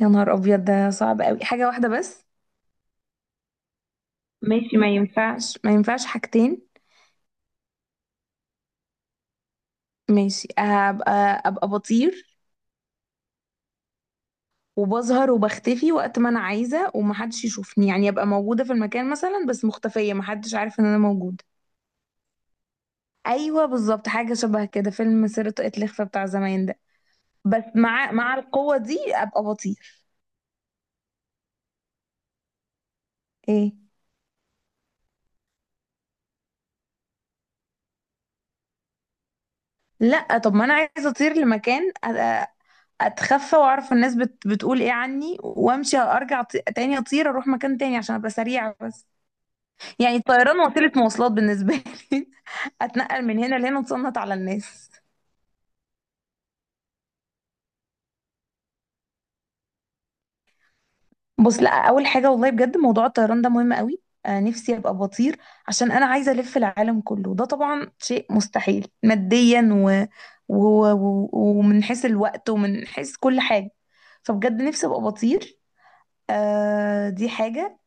يا نهار ابيض! ده صعب قوي، حاجه واحده بس؟ ماشي، ما ينفعش ما ينفعش حاجتين. ماشي، هبقى ابقى بطير وبظهر وبختفي وقت ما انا عايزه ومحدش يشوفني، يعني ابقى موجوده في المكان مثلا بس مختفيه، محدش عارف ان انا موجوده. ايوه بالظبط، حاجه شبه كده، فيلم سيرة طاقية الإخفاء بتاع زمان ده. بس مع القوه دي ابقى بطير. ايه؟ لا، طب ما انا عايزه اطير لمكان اتخفى واعرف الناس بتقول ايه عني، وامشي ارجع تاني اطير اروح مكان تاني عشان ابقى سريعه بس. يعني الطيران وسيله مواصلات بالنسبه لي. اتنقل من هنا لهنا، اتصنت على الناس. بص، لا، اول حاجه والله بجد موضوع الطيران ده مهم قوي. آه، نفسي ابقى بطير عشان انا عايزه الف العالم كله. ده طبعا شيء مستحيل ماديا ومن حيث الوقت ومن حيث كل حاجه، فبجد نفسي ابقى بطير. آه دي حاجه.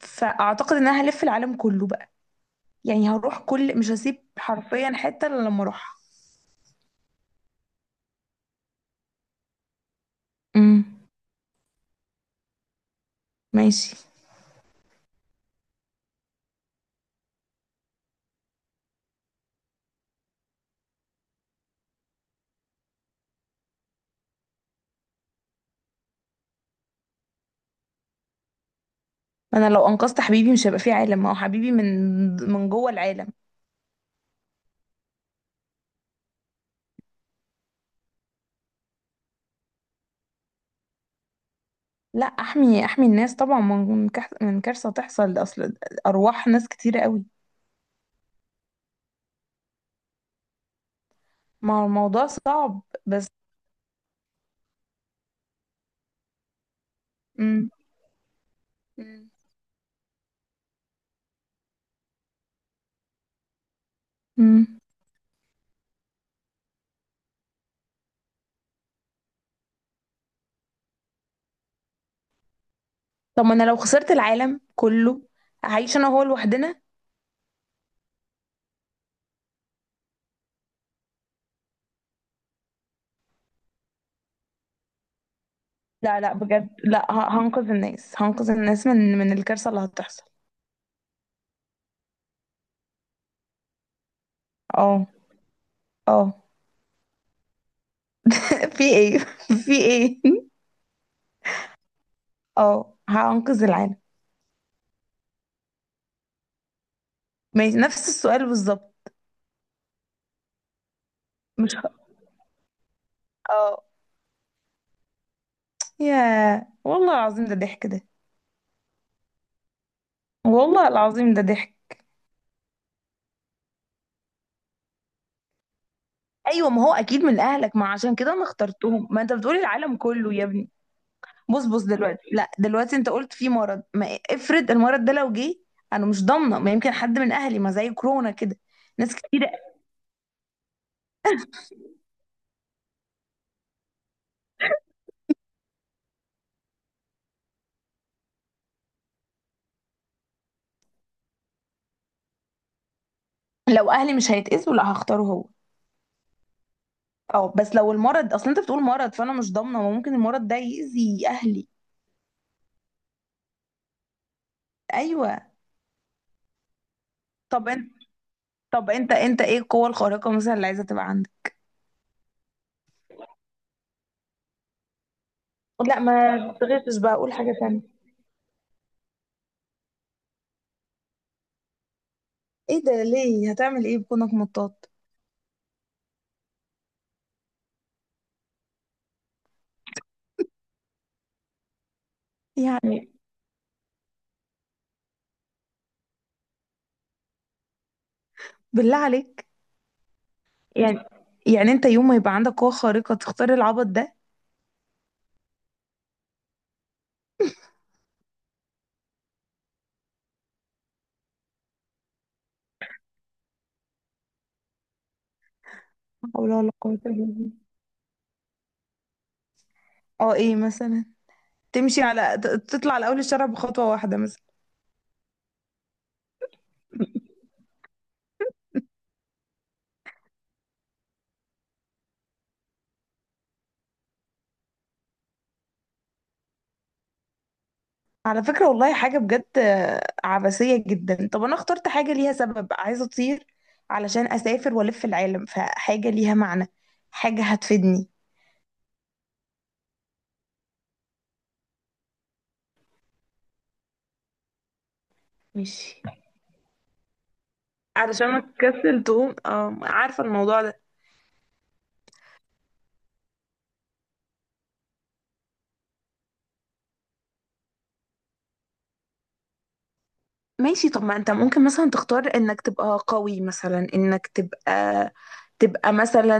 فاعتقد ان انا هلف العالم كله، يعني هروح كل مش هسيب حرفيا حتة الا لما اروحها. امم. ماشي. ما انا لو انقذت حبيبي مش هيبقى فيه عالم، ما هو حبيبي من جوه العالم. لا، احمي الناس طبعا من كارثة تحصل، اصل ارواح ناس كتيرة قوي. ما هو الموضوع صعب بس. امم. امم. امم. طب ما انا لو خسرت العالم كله هعيش انا وهو لوحدنا. لا لا، بجد لا، هنقذ الناس، هنقذ الناس من الكارثة اللي هتحصل. اه. اه. في ايه؟ في ايه؟ اه، هأنقذ العالم. ماشي، نفس السؤال بالظبط. مش ه... اه. يا والله العظيم ده ضحك ده. والله العظيم ده ضحك. ايوه ما هو اكيد من اهلك، ما عشان كده انا اخترتهم، ما انت بتقولي العالم كله يا ابني. بص بص دلوقتي، لا، دلوقتي انت قلت في مرض، ما افرض المرض ده لو جه، انا مش ضامنه، ما يمكن حد من اهلي، ما زي كورونا كده. ناس كتير. لو اهلي مش هيتأذوا لا، هختاره هو. اه، بس لو المرض اصلا انت بتقول مرض، فانا مش ضامنه، ما ممكن المرض ده يأذي اهلي. ايوه. طب انت. طب انت ايه القوة الخارقة مثلا اللي عايزة تبقى عندك؟ لا ما تغشش بقى، اقول حاجة تانية. ايه ده؟ ليه؟ هتعمل ايه بكونك مطاط؟ يعني بالله عليك. يعني يعني انت يوم ما يبقى عندك قوة خارقة تختار العبط ده؟ لا حول ولا قوة الا بالله. اه، ايه مثلا؟ تمشي تطلع على اول الشارع بخطوة واحدة مثلا؟ على فكرة والله حاجة بجد عبثية جدا. طب انا اخترت حاجة ليها سبب، عايزة اطير علشان اسافر والف العالم، فحاجة ليها معنى، حاجة هتفيدني. ماشي. علشان ما تكسل تقوم، اه، عارفة الموضوع ده. ماشي. طب ما انت ممكن مثلا تختار انك تبقى قوي، مثلا انك تبقى مثلا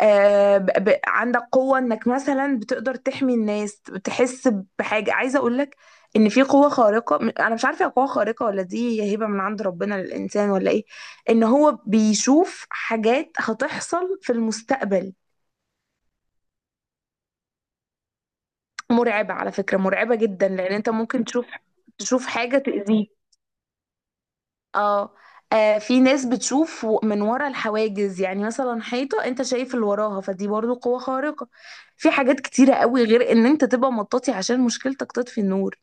عندك قوة، انك مثلا بتقدر تحمي الناس، تحس بحاجة. عايزة اقولك ان في قوة خارقة، انا مش عارفة هي قوة خارقة ولا دي هي هبة من عند ربنا للانسان ولا ايه، ان هو بيشوف حاجات هتحصل في المستقبل. مرعبة على فكرة، مرعبة جدا، لأن أنت ممكن تشوف، تشوف حاجة تأذيه. اه. في ناس بتشوف من ورا الحواجز، يعني مثلا حيطة أنت شايف اللي وراها، فدي برضو قوة خارقة. في حاجات كتيرة قوي غير إن أنت تبقى مطاطي عشان مشكلتك تطفي النور.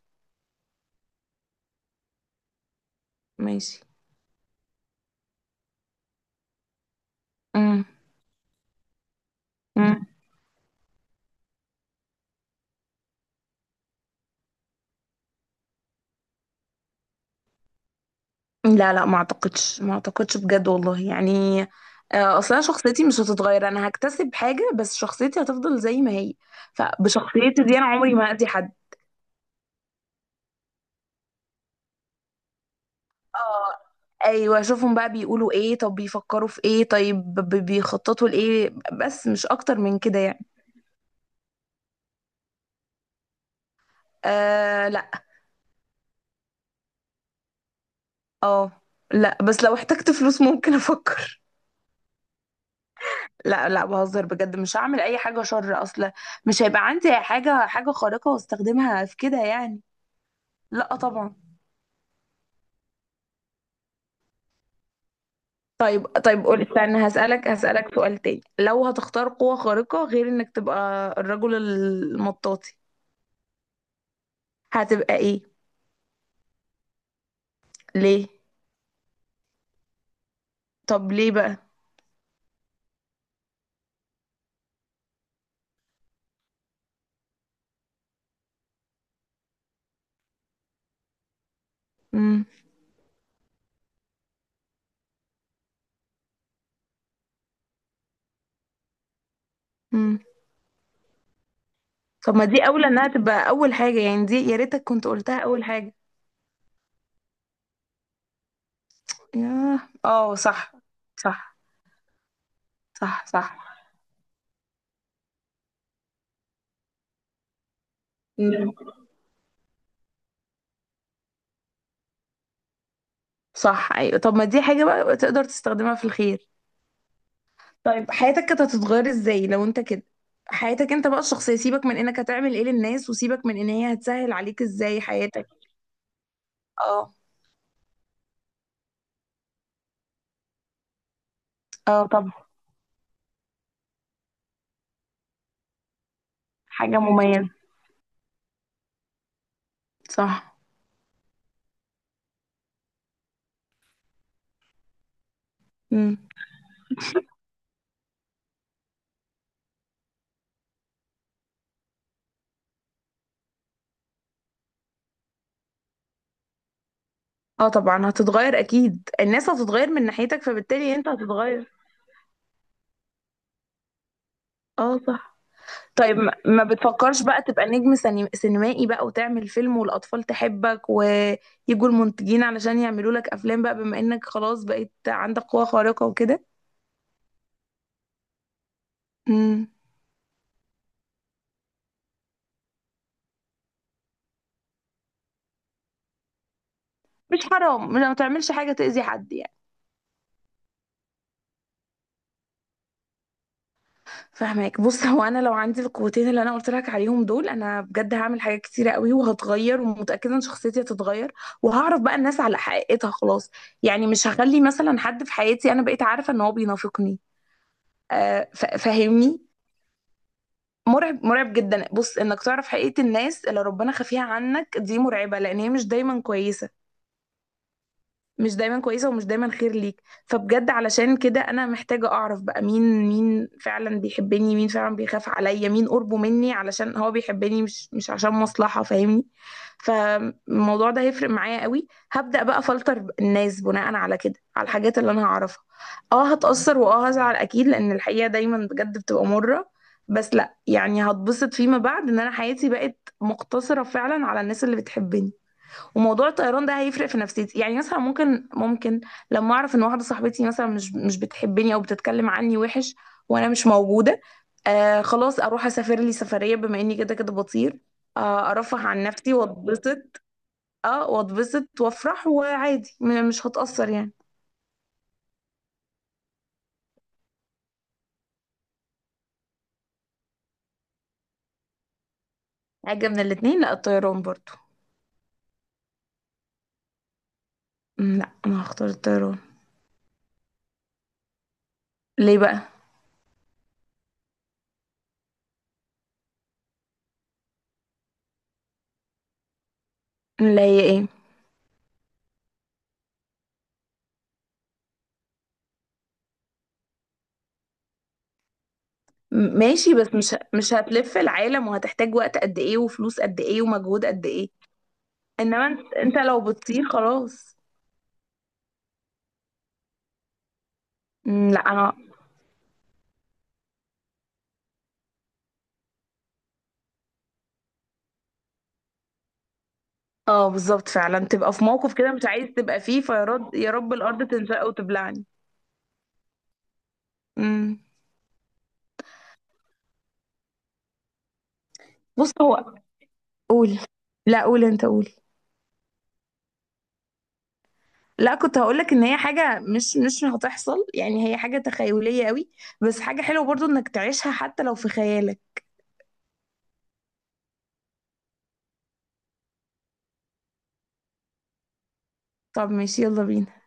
ماشي. امم. امم. لا لا، ما أعتقدش ما أعتقدش بجد والله، يعني أصلا شخصيتي مش هتتغير، أنا هكتسب حاجة بس شخصيتي هتفضل زي ما هي، فبشخصيتي دي أنا عمري ما هأذي حد. اه. ايوه، اشوفهم بقى بيقولوا ايه، طب بيفكروا في ايه، طيب بيخططوا لايه، بس مش اكتر من كده يعني. آه لا. اه. لا بس لو احتجت فلوس ممكن افكر. لا لا، بهزر بجد، مش هعمل اي حاجه شر اصلا. مش هيبقى عندي حاجه خارقه واستخدمها في كده يعني. لا طبعا. طيب طيب قول، استنى هسألك سؤال تاني، لو هتختار قوة خارقة غير انك تبقى الرجل المطاطي هتبقى ايه؟ ليه؟ طب ليه بقى؟ امم. طب ما دي اولى انها تبقى اول حاجة، يعني دي يا ريتك كنت قلتها اول حاجة. ياه، اه صح. صح. صح. صح. مم. صح. ايوه، طب ما دي حاجة بقى تقدر تستخدمها في الخير. طيب حياتك كانت هتتغير ازاي لو انت كده؟ حياتك انت بقى الشخصية، سيبك من انك هتعمل ايه للناس، وسيبك من ان هي هتسهل عليك ازاي حياتك. اه. اه طبعا. حاجة مميزة. صح. مم. اه طبعا هتتغير، اكيد الناس هتتغير من ناحيتك، فبالتالي انت هتتغير. اه صح. طيب ما بتفكرش بقى تبقى نجم سينمائي بقى، وتعمل فيلم والأطفال تحبك ويجوا المنتجين علشان يعملوا لك أفلام بقى بما إنك خلاص بقيت عندك قوة خارقة وكده؟ امم. مش حرام، لا ما تعملش حاجة تأذي حد يعني. فاهمك. بص هو أنا لو عندي القوتين اللي أنا قلت لك عليهم دول، أنا بجد هعمل حاجات كتيرة قوي وهتغير، ومتأكدة إن شخصيتي هتتغير، وهعرف بقى الناس على حقيقتها خلاص. يعني مش هخلي مثلا حد في حياتي أنا بقيت عارفة إن هو بينافقني، فاهمني. مرعب، مرعب جدا. بص انك تعرف حقيقة الناس اللي ربنا خفيها عنك، دي مرعبة لان هي مش دايما كويسة، مش دايما كويسة ومش دايما خير ليك، فبجد علشان كده أنا محتاجة أعرف بقى مين مين فعلا بيحبني، مين فعلا بيخاف عليا، مين قربه مني علشان هو بيحبني، مش عشان مصلحة، فاهمني. فالموضوع ده هيفرق معايا قوي، هبدأ بقى فلتر الناس بناء على كده، على الحاجات اللي أنا هعرفها. اه هتأثر واه هزعل أكيد، لأن الحقيقة دايما بجد بتبقى مرة، بس لأ، يعني هتبسط فيما بعد إن أنا حياتي بقت مقتصرة فعلا على الناس اللي بتحبني. وموضوع الطيران ده هيفرق في نفسيتي، يعني مثلا ممكن لما اعرف ان واحده صاحبتي مثلا مش بتحبني او بتتكلم عني وحش وانا مش موجوده، آه خلاص اروح اسافر لي سفريه بما اني كده كده بطير، آه ارفه عن نفسي واتبسط. اه واتبسط وافرح وعادي، مش هتاثر يعني. حاجه من الاتنين؟ لا الطيران برضو. لا انا هختار الطيران. ليه بقى؟ اللي هي ايه؟ ماشي، بس مش هتلف العالم، وهتحتاج وقت قد ايه وفلوس قد ايه ومجهود قد ايه. انما انت لو بتطير خلاص. لا انا. اه بالظبط، فعلا تبقى في موقف كده مش عايز تبقى فيه، فيرد يا رب الارض تنشق وتبلعني. امم. بص هو. قول. لا قول انت، قول. لا كنت هقولك ان هي حاجة مش هتحصل، يعني هي حاجة تخيلية قوي، بس حاجة حلوة برضو انك تعيشها حتى لو في خيالك. طب ماشي، يلا بينا.